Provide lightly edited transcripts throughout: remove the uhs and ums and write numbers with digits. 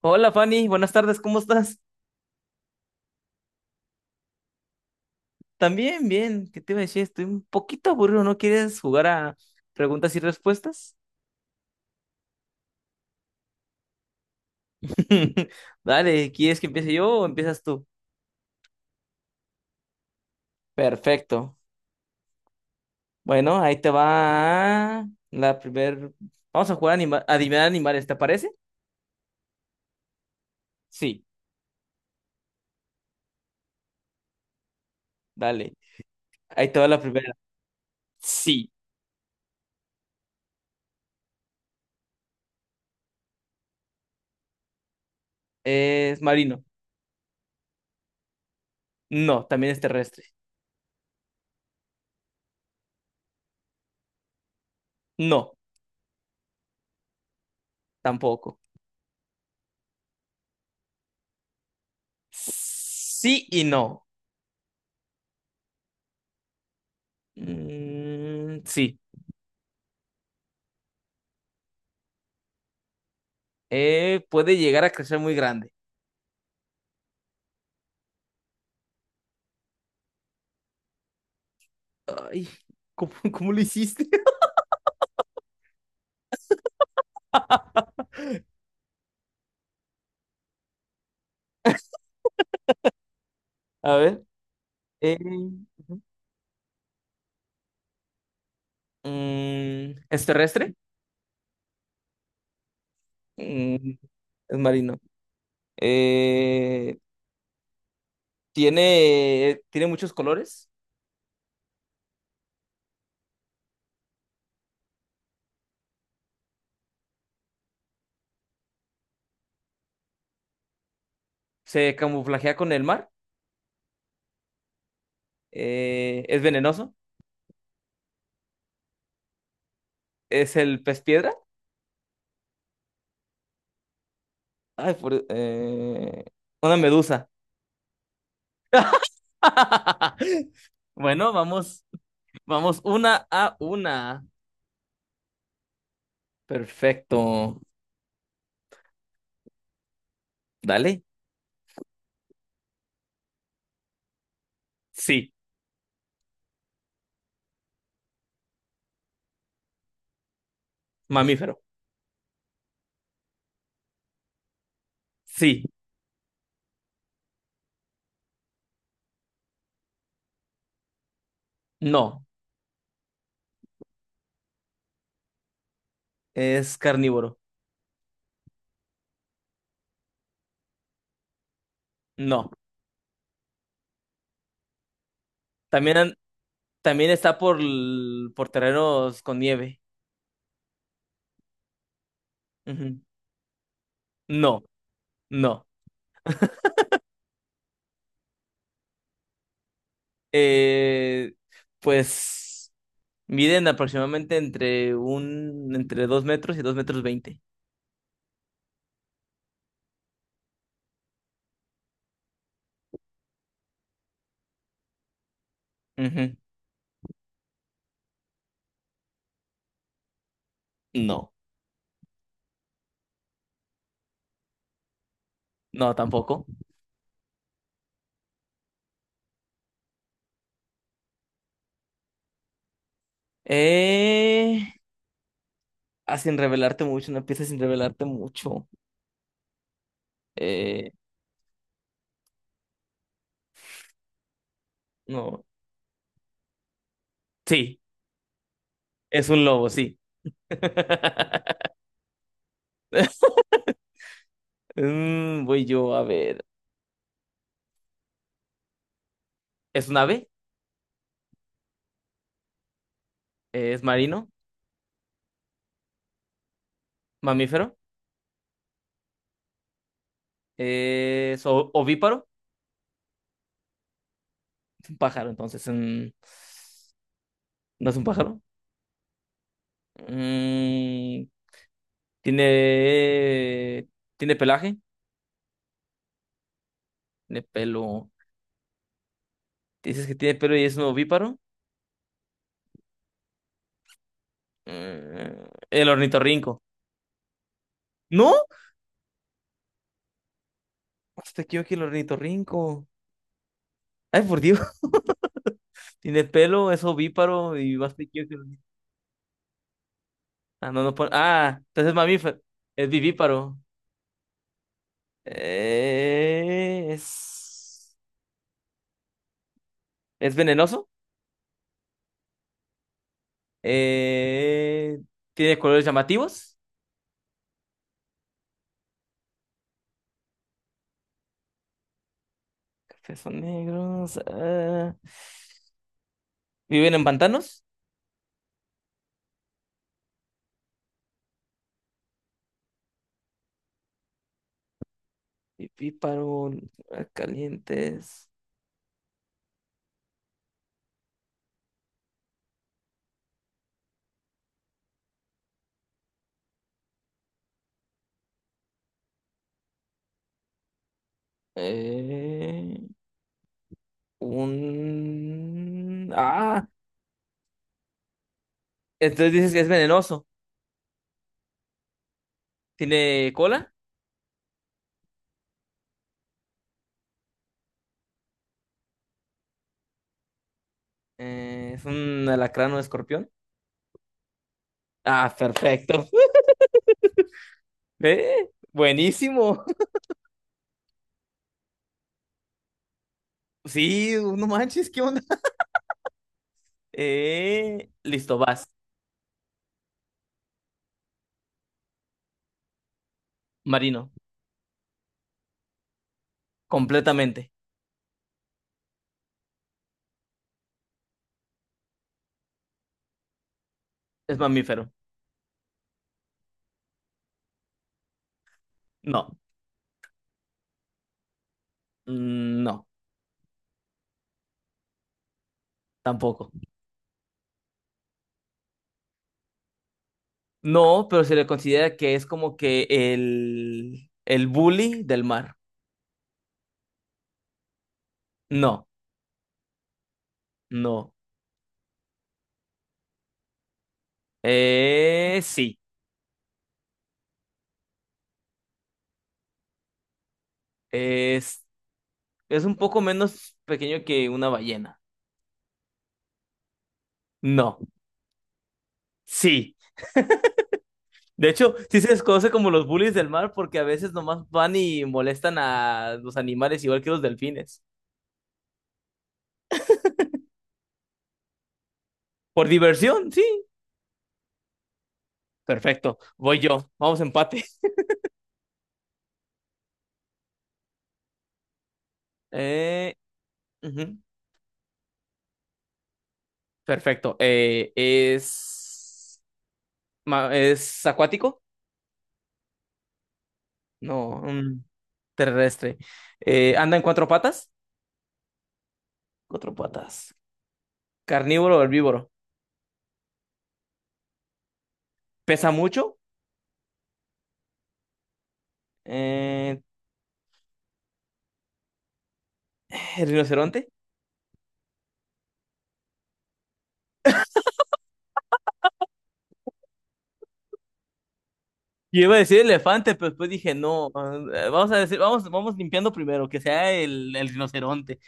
Hola Fanny, buenas tardes, ¿cómo estás? También, bien, ¿qué te iba a decir? Estoy un poquito aburrido, ¿no quieres jugar a preguntas y respuestas? Dale, ¿quieres que empiece yo o empiezas tú? Perfecto. Bueno, ahí te va la primer... Vamos a jugar a adivinar animales, ¿te parece? Sí, dale. Ahí te va la primera. Sí. ¿Es marino? No, también es terrestre. No, tampoco. Sí y no. Mm, sí. Puede llegar a crecer muy grande. Ay, cómo lo hiciste? A ver. eh, Ujú. Mm, ¿es terrestre? Mm, es marino. Eh, tiene muchos colores? ¿Se camuflajea con el mar? ¿Es venenoso? ¿Es el pez piedra? Ay, una medusa. Bueno, vamos, vamos una a una. Perfecto. Dale. Sí, mamífero. Sí. No, es carnívoro. No. También, también está por, por terrenos con nieve. Ujú. No, no. Eh, pues miden aproximadamente entre un, entre dos metros y dos metros veinte. Ujú. No, no, tampoco. Eh, Sin revelarte mucho, una pieza sin revelarte mucho. Eh, no. Sí, es un lobo, sí. Mm, voy yo a ver. ¿Es un ave? Es marino, mamífero, es ovíparo, es un pájaro, entonces mm, no es un pájaro. Mm, tiene, tiene pelaje, tiene pelo. Dices que tiene pelo y es un ovíparo. Mm, el ornitorrinco. ¿No? Más pequeño que el ornitorrinco. Ay, por Dios. Tiene pelo, es ovíparo y más pequeño que el ornitorrinco. Ah, no, Ah, entonces es mamífero. Es vivíparo. Eh, es... ¿Es venenoso? Eh, Tiene colores llamativos. Cafés son negros. Ah, viven en pantanos. Pipíparo, calientes. Eh, un. Ah, entonces dices que es venenoso. Tiene cola. Es un alacrán o escorpión. Ah, perfecto. Ve, buenísimo. Sí, no manches, ¿qué onda? Listo, vas. Marino, completamente. Es mamífero. No. Mm, no, tampoco. No, pero se le considera que es como que el bully del mar. No, no. Sí. Es, es un poco menos pequeño que una ballena. No, sí. De hecho, sí se desconoce como los bullies del mar porque a veces nomás van y molestan a los animales igual que los delfines. Por diversión, sí. Perfecto. Voy yo. Vamos empate. Eh, ujú. Perfecto. Es. Es acuático, no, un terrestre. Anda en cuatro patas, cuatro patas. ¿Carnívoro o herbívoro? Pesa mucho. Eh, el rinoceronte. Yo iba a decir elefante, pero después dije no. Eh, vamos a decir, vamos, vamos limpiando primero, que sea el rinoceronte.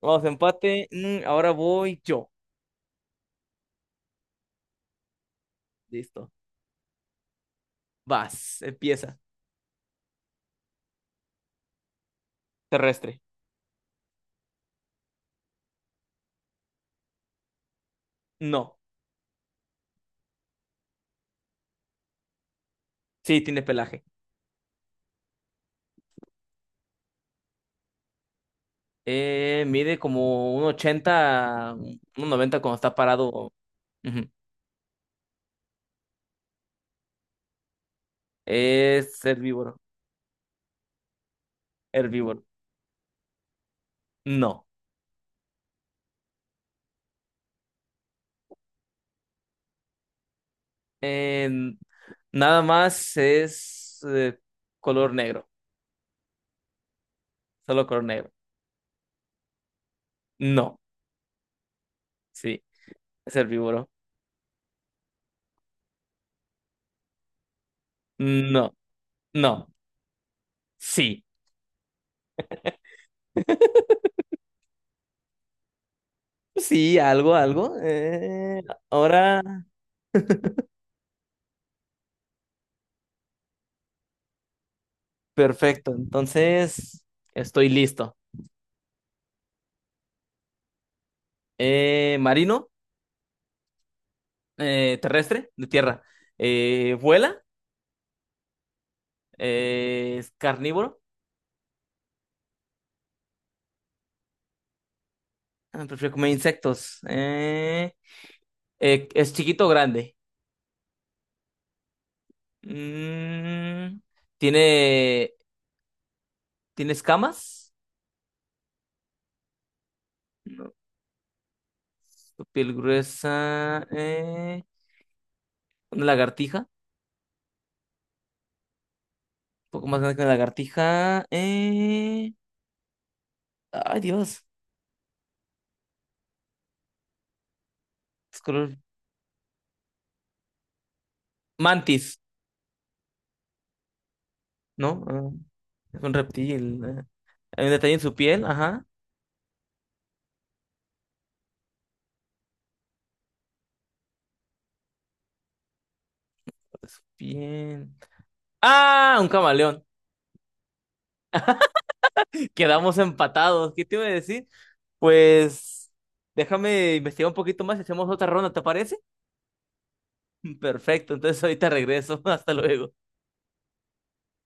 Vamos, empate. Mm, ahora voy yo. Listo. Vas, empieza. Terrestre. No. Sí, tiene pelaje. Mide como un 80 un 90 cuando está parado. Ujú. Es herbívoro. Herbívoro. No. Eh, nada más es color negro. Solo color negro. No. Sí. Es herbívoro. No. No. Sí. Sí, algo, algo. Ahora, perfecto. Entonces, estoy listo. Marino, terrestre, de tierra. Vuela, es carnívoro. Ah, prefiero comer insectos. Eh, es chiquito o grande. Mm, ¿tiene, tiene escamas? No, su piel gruesa. Una lagartija. Un poco más grande que una lagartija. Ay, Dios. Es color. Mantis, ¿no? Ah, es un reptil. Eh. Hay un detalle en su piel. Ajá. Su piel. ¡Ah! Un camaleón. Quedamos empatados. ¿Qué te iba a decir? Pues déjame investigar un poquito más y hacemos otra ronda, ¿te parece? Perfecto, entonces ahorita regreso. Hasta luego.